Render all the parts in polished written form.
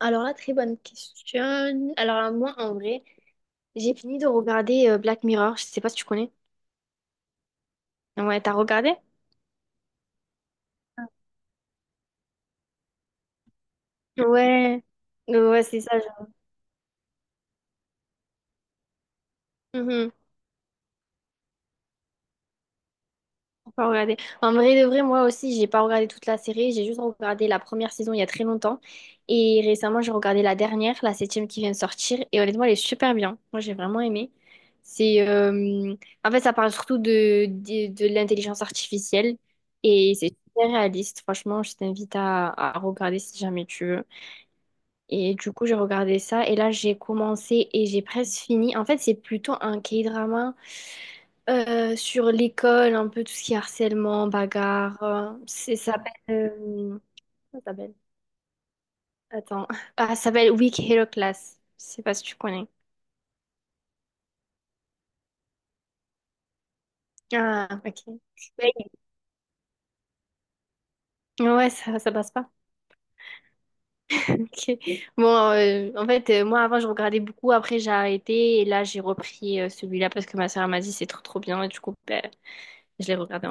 Alors là, très bonne question. Alors là, moi, en vrai, j'ai fini de regarder Black Mirror. Je sais pas si tu connais. Ouais, t'as regardé? Ouais. Ouais, c'est ça, genre. Mhm. Faut pas regarder. En vrai de vrai, moi aussi, j'ai pas regardé toute la série. J'ai juste regardé la première saison il y a très longtemps. Et récemment, j'ai regardé la dernière, la septième qui vient de sortir. Et honnêtement, elle est super bien. Moi, j'ai vraiment aimé. C'est, euh, En fait, ça parle surtout de l'intelligence artificielle. Et c'est super réaliste. Franchement, je t'invite à regarder si jamais tu veux. Et du coup, j'ai regardé ça et là, j'ai commencé et j'ai presque fini. En fait, c'est plutôt un K-drama sur l'école, un peu tout ce qui est harcèlement, bagarre. Comment ça s'appelle? Attends. Ah, ça s'appelle Weak Hero Class. Je sais pas si tu connais. Ah, ok. Ouais, ouais, ça passe pas. Ok. Bon, en fait, moi, avant, je regardais beaucoup. Après, j'ai arrêté et là, j'ai repris celui-là parce que ma soeur m'a dit c'est trop, trop bien. Et du coup, ben, je l'ai regardé.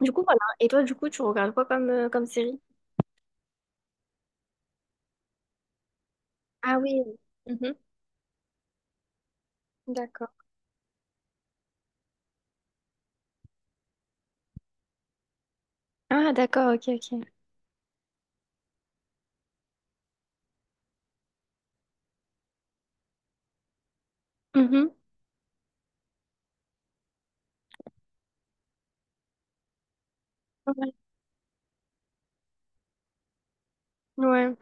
Du coup, voilà. Et toi, du coup, tu regardes quoi comme, comme série? Ah oui. Mhm. D'accord. Ah, d'accord, ok, ok. Mhm. Ouais. Ouais.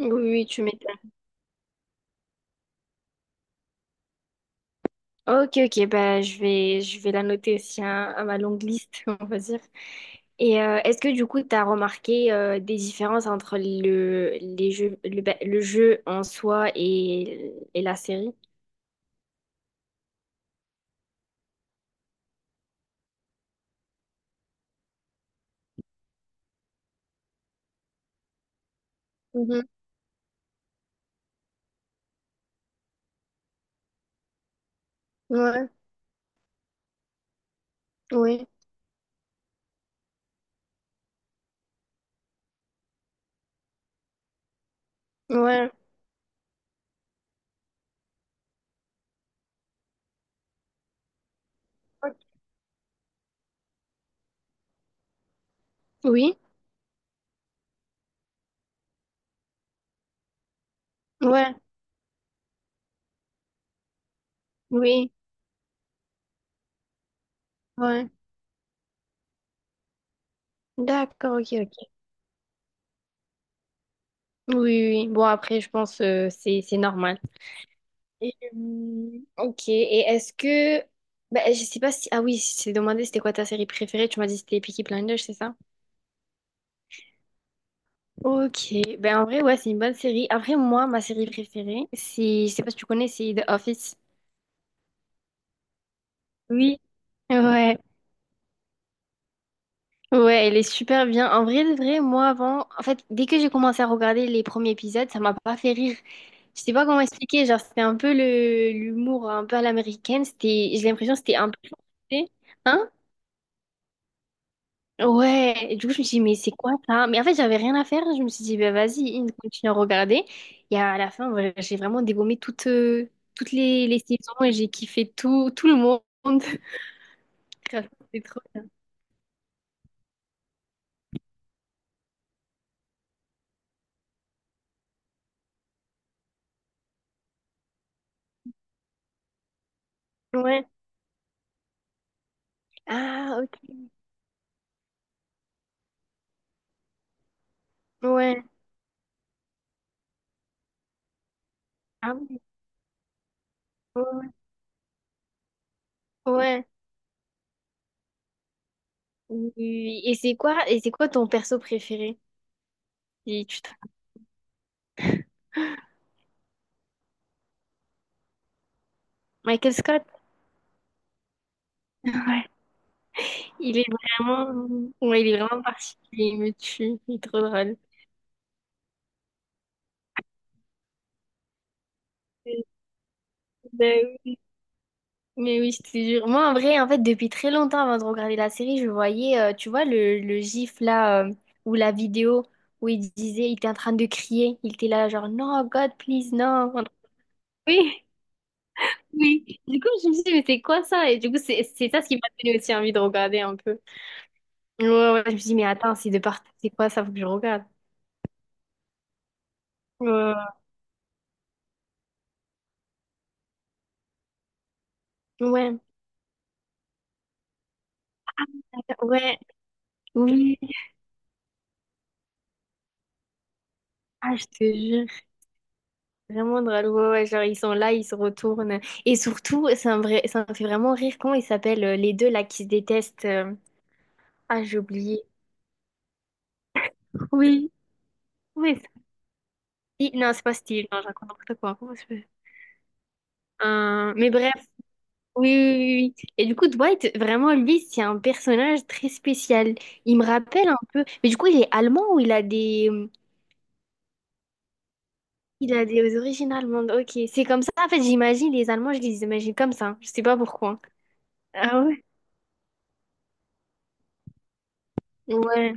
Oui, oui, oui, tu m'étonnes. Ok, ok, bah, je vais la noter aussi hein, à ma longue liste, on va dire. Et est-ce que du coup, tu as remarqué des différences entre les jeux, le jeu en soi et la série? Mhm. Ouais, oui. Ouais, ouais, oui, ouais, oui, ouais. D'accord, ok, ok. Oui, oui, oui. Bon, après, je pense c'est normal. Et, ok. Et est-ce que... Bah, je sais pas si... Ah oui, je t'ai demandé c'était quoi ta série préférée. Tu m'as dit c'était Peaky Blinders, c'est ça? Ok. Ben, en vrai, ouais, c'est une bonne série. Après, moi, ma série préférée, c'est... Je sais pas si tu connais, c'est The Office. Oui. Ouais. Ouais, elle est super bien. En vrai, de vrai, moi avant, en fait, dès que j'ai commencé à regarder les premiers épisodes, ça m'a pas fait rire. Je sais pas comment expliquer, genre c'était un peu le l'humour un peu à l'américaine, c'était j'ai l'impression que c'était un peu forcé. Hein? Ouais, et du coup je me suis dit mais c'est quoi ça? Mais en fait, j'avais rien à faire, je me suis dit bah vas-y, continue à regarder. Et à la fin, voilà, j'ai vraiment dégommé toutes toutes les saisons et j'ai kiffé tout le monde. Grave, c'était trop bien. Ouais. Ah, OK. Ouais. Ah oui. Ouais, ouais. Oui. Et c'est quoi ton perso préféré? Si tu te- Michael Scott? Ouais. Il est vraiment, ouais, il est vraiment particulier, il me tue, il est trop drôle. Euh, ben oui. Mais oui, je te jure. Moi, en vrai, en fait, depuis très longtemps avant de regarder la série, je voyais, tu vois, le gif là, ou la vidéo où il disait, il était en train de crier, il était là, genre, non, God, please, non. Oui, oui. Du coup, je me suis dit, mais c'est quoi ça? Et du coup, c'est ça ce qui m'a donné aussi envie de regarder un peu. Ouais, ouais, je me suis dit, mais attends, c'est quoi ça? Faut que je regarde. Euh, ouais, ouais, oui. Ah, je te jure, vraiment drôle. Ouais, ouais, genre, ils sont là, ils se retournent. Et surtout, c'est un vrai, ça me fait vraiment rire. Comment ils s'appellent, les deux là qui se détestent? Euh, ah, j'ai oublié. Oui, oui. Steve- Non, c'est pas Steve, non, je raconte n'importe quoi. Comment ça s'appelle. Mais bref, oui, oui, oui, oui, oui. Et du coup, Dwight, vraiment, lui, c'est un personnage très spécial. Il me rappelle un peu. Mais du coup, il est allemand ou il a des. Il a des origines allemandes. Ok, c'est comme ça. En fait, j'imagine les Allemands, je les imagine comme ça. Je sais pas pourquoi. Ah ouais? Ouais.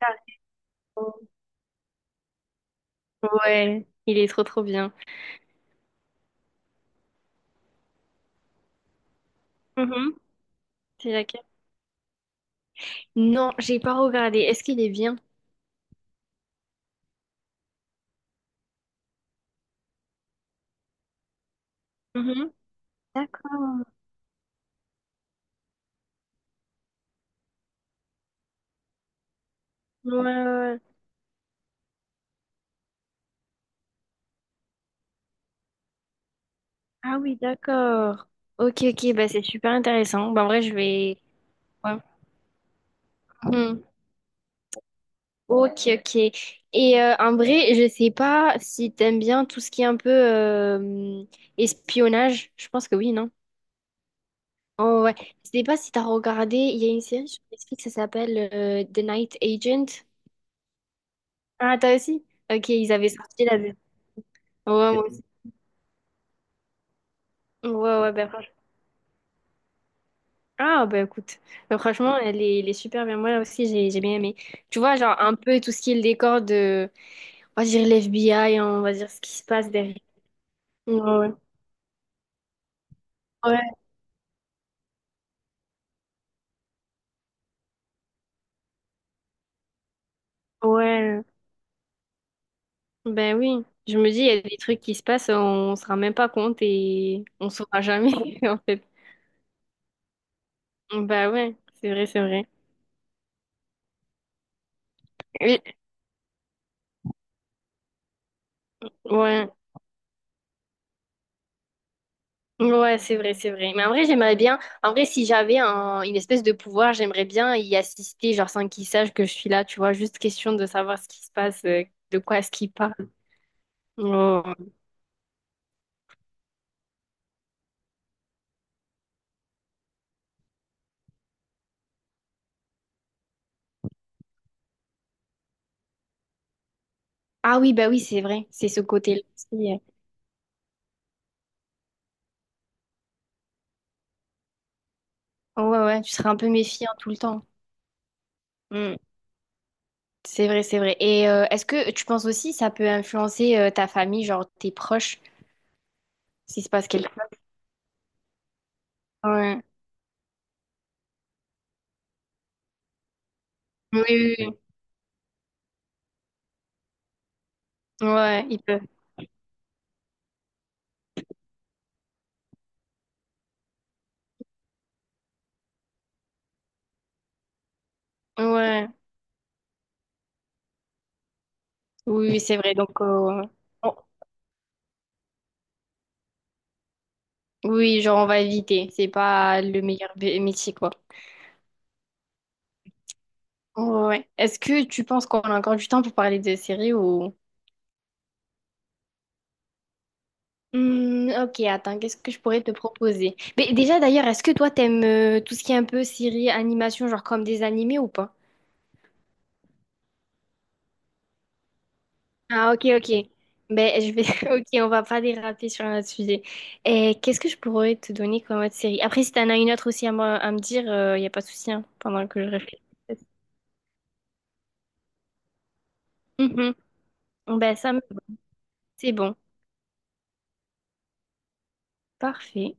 Ah, ouais. Il est trop trop bien. Mhm. C'est laquelle? Non, j'ai pas regardé. Est-ce qu'il est bien? Mhm. D'accord. Ouais, ouais, ouais. Ah oui, d'accord. Ok, ok, bah c'est super intéressant. Bah, en vrai, je vais. Ouais. Mhm. Ok, ok. Et en vrai, je sais pas si t'aimes bien tout ce qui est un peu espionnage. Je pense que oui, non? Oh ouais, je sais pas si t'as regardé, il y a une série sur Netflix, ça s'appelle The Night Agent. Ah, t'as aussi? Ok, ils avaient sorti la deux. Ouais, moi aussi. Ouais, ouais, ben franchement. Ah, ben écoute, ben, franchement, elle est super bien. Moi aussi, j'ai bien aimé. Tu vois, genre un peu tout ce qui est le décor de, on va dire l'FBI, on va dire ce qui se passe derrière. Ouais, ouais, ouais. Ben oui, je me dis, il y a des trucs qui se passent, on se rend même pas compte et on saura jamais, en fait. Ben ouais, c'est vrai, c'est vrai. Oui, ouais. Ouais, c'est vrai, c'est vrai. Mais en vrai, j'aimerais bien. En vrai, si j'avais un- une espèce de pouvoir, j'aimerais bien y assister, genre sans qu'ils sachent que je suis là, tu vois. Juste question de savoir ce qui se passe, de quoi est-ce qu'ils parlent. Oh. Ah oui, bah oui, c'est vrai. C'est ce côté-là aussi, euh. Ouais, ouais, tu seras un peu méfiant tout le temps. Mm. C'est vrai, c'est vrai. Et est-ce que tu penses aussi ça peut influencer ta famille, genre tes proches, s'il se passe quelque chose? Ouais. Oui, oui, oui. Ouais, il peut. Ouais. Oui, oui, c'est vrai. Donc, oui, genre on va éviter. C'est pas le meilleur bé- métier, quoi. Ouais. Est-ce que tu penses qu'on a encore du temps pour parler de séries ou... Hmm, ok, attends, qu'est-ce que je pourrais te proposer? Mais déjà d'ailleurs, est-ce que toi t'aimes tout ce qui est un peu série, animation, genre comme des animés ou pas? Ah ok, ok. Ben je vais... Ok, on va pas déraper sur un autre sujet. Et qu'est-ce que je pourrais te donner comme autre série? Après, si t'en as une autre aussi à me dire, il y a pas de souci, hein, pendant que je réfléchis. Mhm. Ben ça, me- c'est bon. Parfait.